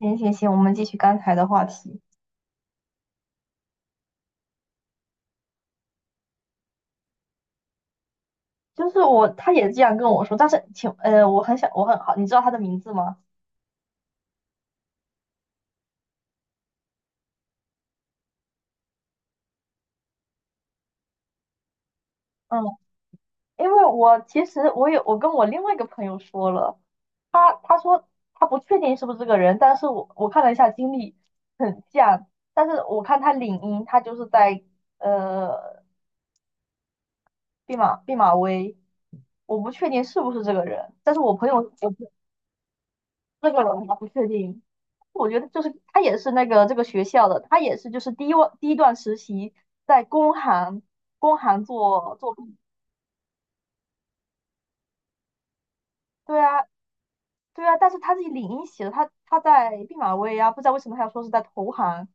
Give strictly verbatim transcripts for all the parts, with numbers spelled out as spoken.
行行行，我们继续刚才的话题。就是我，他也这样跟我说，但是请，呃，我很想，我很好，你知道他的名字吗？嗯，因为我其实我有，我跟我另外一个朋友说了，他他说他不确定是不是这个人，但是我我看了一下经历很像，但是我看他领英，他就是在呃毕马毕马威，我不确定是不是这个人，但是我朋友我朋这个我还不确定。我觉得就是他也是那个这个学校的，他也是就是第一段第一段实习在工行工行做做毕，对啊，对啊，但是他自己领英写的，他他在毕马威啊，不知道为什么他要说是在投行。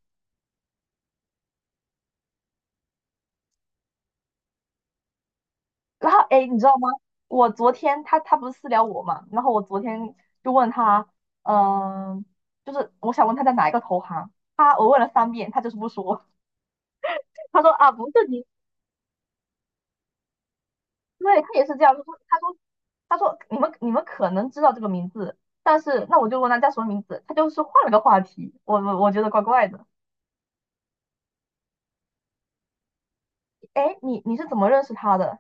然后哎，诶，你知道吗？我昨天他他不是私聊我嘛，然后我昨天就问他，嗯、就是我想问他在哪一个投行，他我问了三遍，他就是不说。他说啊不是你，对，他也是这样，他说他说他说你们你们可能知道这个名字，但是那我就问他叫什么名字，他就是换了个话题，我我我觉得怪怪的。哎，你你是怎么认识他的？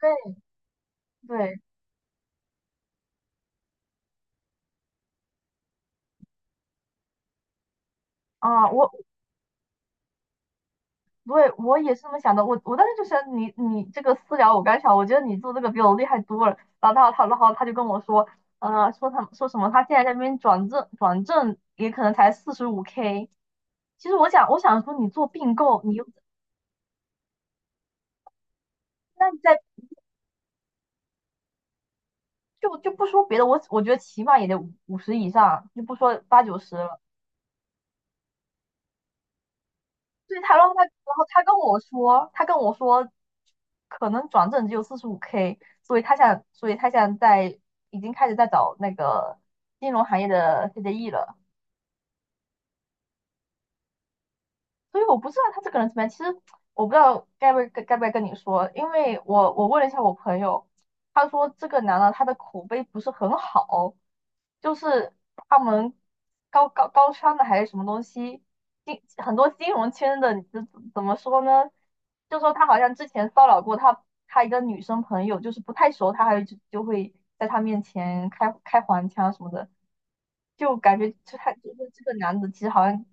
对，对啊，我对，我也是这么想的，我我当时就想你你这个私聊，我刚想，我觉得你做这个比我厉害多了。然后他他然后他就跟我说，呃，说他说什么他现在在那边转正转正也可能才四十五 K。其实我想我想说你做并购，你又，那你在，就就不说别的，我我觉得起码也得五十以上，就不说八九十了。对，他然后他，然后他跟我说，他跟我说，可能转正只有四十五 K,所以他想，所以他想在，已经开始在找那个金融行业的 C D E 了。所以我不知道他这个人怎么样。其实我不知道该不该该不该跟你说，因为我我问了一下我朋友，他说这个男的他的口碑不是很好，就是他们高高高商的，还是什么东西，金很多金融圈的，怎怎么说呢？就说他好像之前骚扰过他他一个女生朋友，就是不太熟，他还就就会在他面前开开黄腔什么的。就感觉就他就是这个男的，其实好像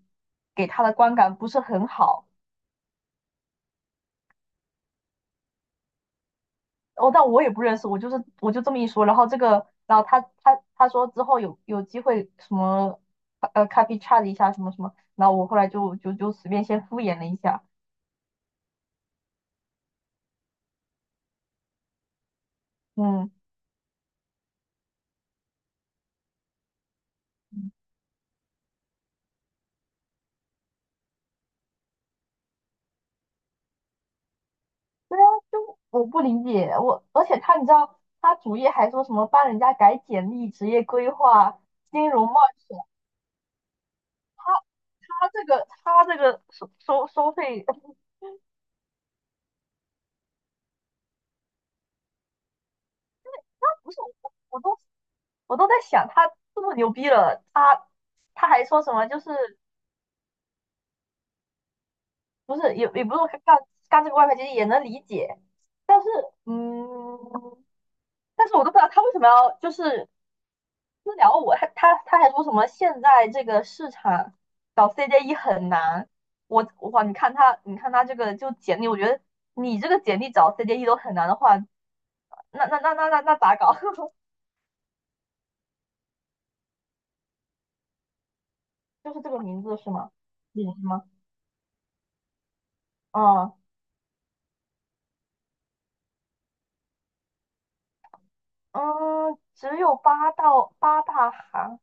给他的观感不是很好。哦，但我也不认识，我就是我就这么一说。然后这个，然后他他他说之后有有机会什么呃 copy chat 一下什么什么，然后我后来就就就随便先敷衍了一下。嗯，对啊，就我不理解，我，而且他，你知道他主页还说什么帮人家改简历、职业规划、金融冒险，他这个他这个收收收费，不是，我我都。我都在想，他这么牛逼了，他他还说什么？就是，不是也也不是干干这个外派，其实也能理解，但是，嗯，但是我都不知道他为什么要就是私聊我，他他他还说什么现在这个市场搞 C J E 很难，我，哇，你看他你看他这个就简历，我觉得你这个简历找 C J E 都很难的话，那那那那那那咋搞？就是这个名字是吗？也是吗？嗯，嗯，只有八到八大行，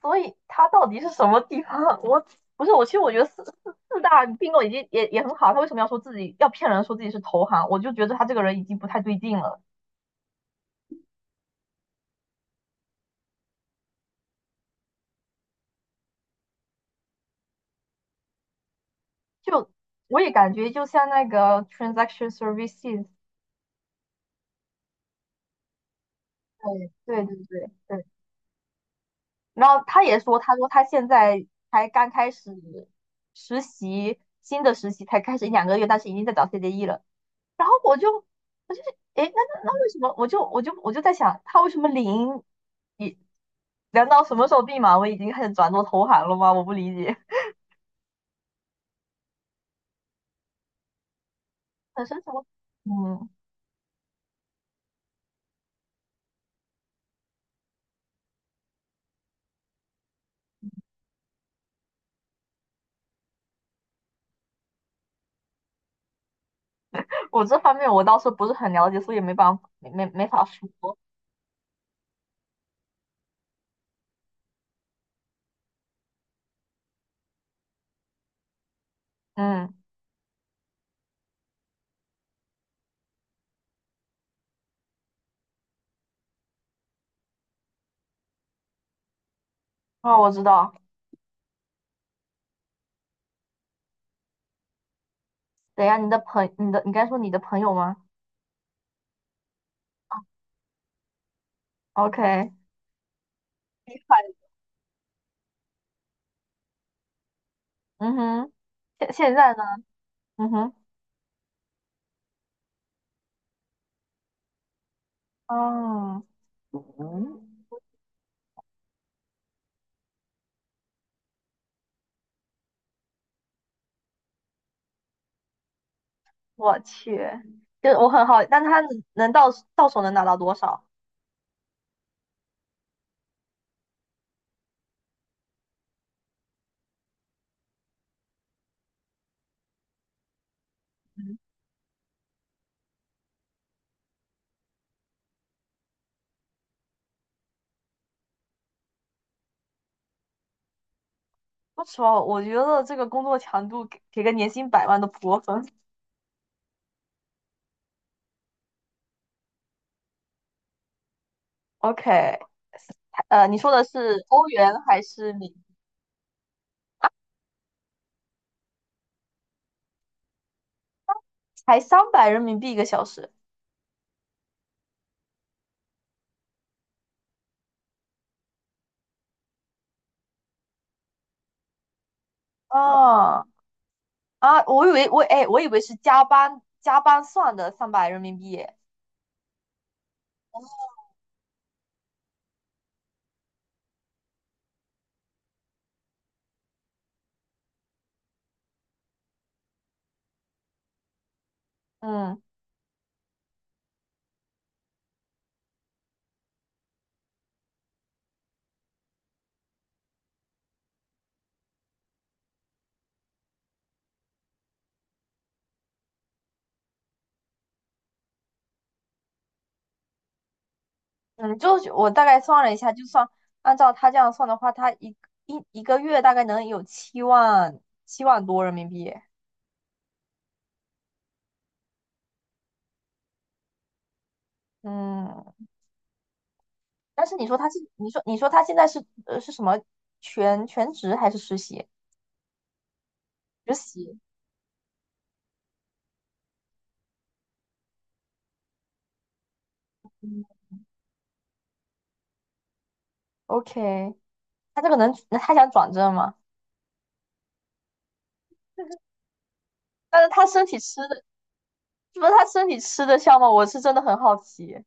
所以它到底是什么地方？我，不是我，其实我觉得四四四大并购已经也也很好，他为什么要说自己，要骗人说自己是投行？我就觉得他这个人已经不太对劲了。就我也感觉就像那个 transaction services。对对对对对。然后他也说，他说他现在才刚开始实习，新的实习才开始一两个月，但是已经在找 C D E 了。然后我就我就是，诶，那那那为什么我就我就我就在想，他为什么零一，难道什么时候闭嘛？我已经开始转做投行了吗？我不理解。本身什么，嗯，我这方面我倒是不是很了解，所以没办法没没没法说。嗯，哦，我知道。等一下，你的朋你的你该说你的朋友吗？OK,厉害。嗯哼，现现在呢？嗯哼，哦，嗯，我去，就是我很好，但他能到到手能拿到多少？说实话，我觉得这个工作强度给给个年薪百万的过分。OK,呃，你说的是欧元还是米？才三百人民币一个小时？啊，啊，我以为我哎，我以为是加班加班算的三百人民币耶，嗯嗯，就是我大概算了一下，就算按照他这样算的话，他一一一个月大概能有七万七万多人民币耶，嗯，但是你说他是，你说你说他现在是呃是什么，全全职还是实习？学习，嗯，OK,他这个能，他想转正吗？但是他身体吃的，是不是他身体吃得消吗？我是真的很好奇。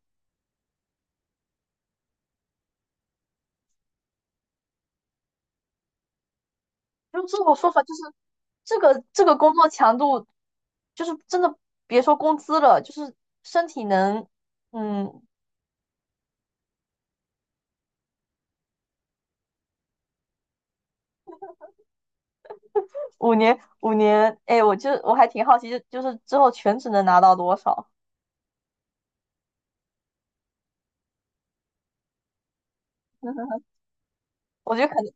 就这种说法，就是这个这个工作强度，就是真的别说工资了，就是身体能，嗯，五年，五年，哎，我就我还挺好奇，就就是之后全职能拿到多少？我觉得肯定，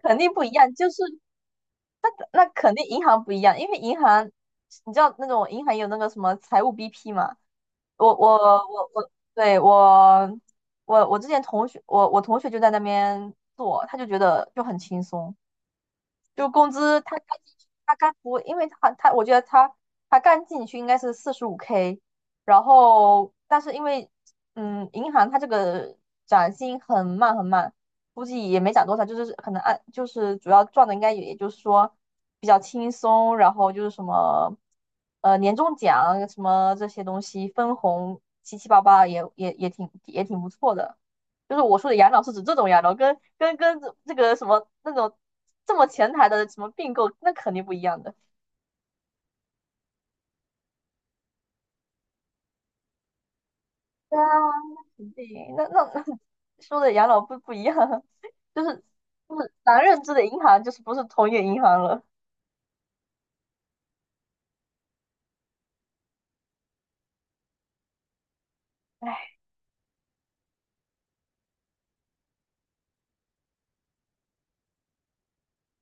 那肯定不一样，就是那那肯定银行不一样，因为银行，你知道那种银行有那个什么财务 B P 嘛，我我我我，对，我我我之前同学，我我同学就在那边做，他就觉得就很轻松。就工资他干进去他干不，因为他他我觉得他他干进去应该是四十五 K,然后但是因为嗯银行它这个涨薪很慢很慢，估计也没涨多少，就是可能按，就是主要赚的应该也也就是说比较轻松，然后就是什么呃年终奖什么这些东西分红七七八八也也也挺也挺不错的。就是我说的养老是指这种养老，跟跟跟这这个什么那种这么前台的什么并购，那肯定不一样的。对啊，对，那那那 说的养老不不一样，就是就是咱认知的银行就是不是同一个银行了。唉，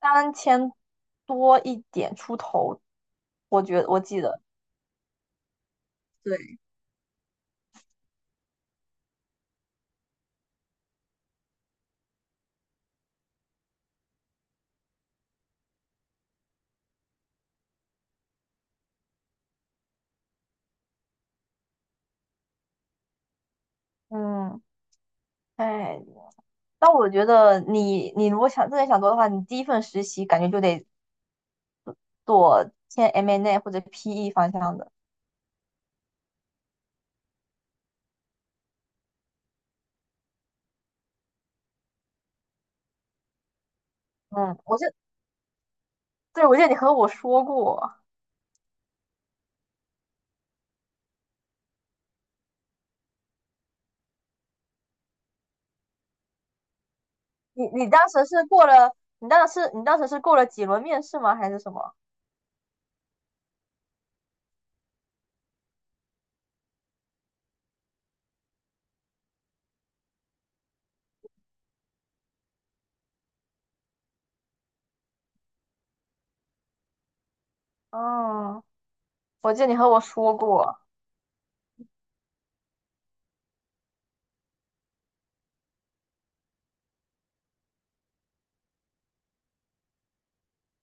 三千多一点出头，我觉得我记得，对，嗯，哎，但我觉得你你如果想真的想做的话，你第一份实习感觉就得做签 M and A n 或者 P E 方向的。嗯，我是。对，我记得你和我说过，你你当时是过了，你当时是你当时是过了几轮面试吗？还是什么？嗯，我记得你和我说过，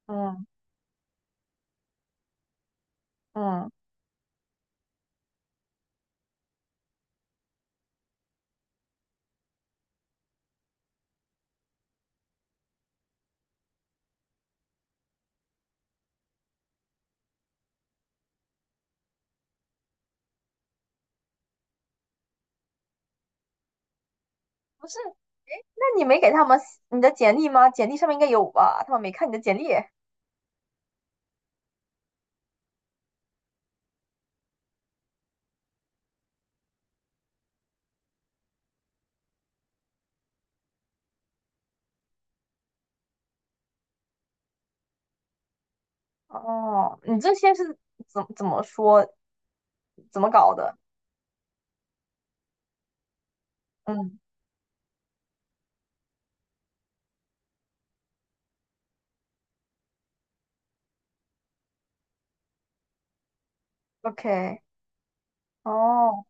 嗯嗯，不是，哎，那你没给他们你的简历吗？简历上面应该有吧？他们没看你的简历。哦，你这些是怎怎么说，怎么搞的？嗯，OK,哦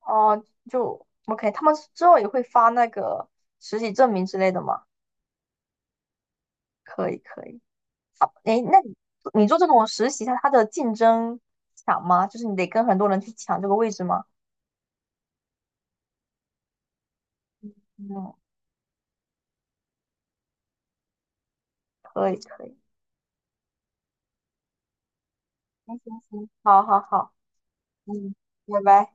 哦，就 OK,他们之后也会发那个实习证明之类的吗？可以可以。诶，那你你做这种实习，它它的竞争强吗？就是你得跟很多人去抢这个位置吗？嗯，可以可以，行行行，好好好，嗯，拜拜。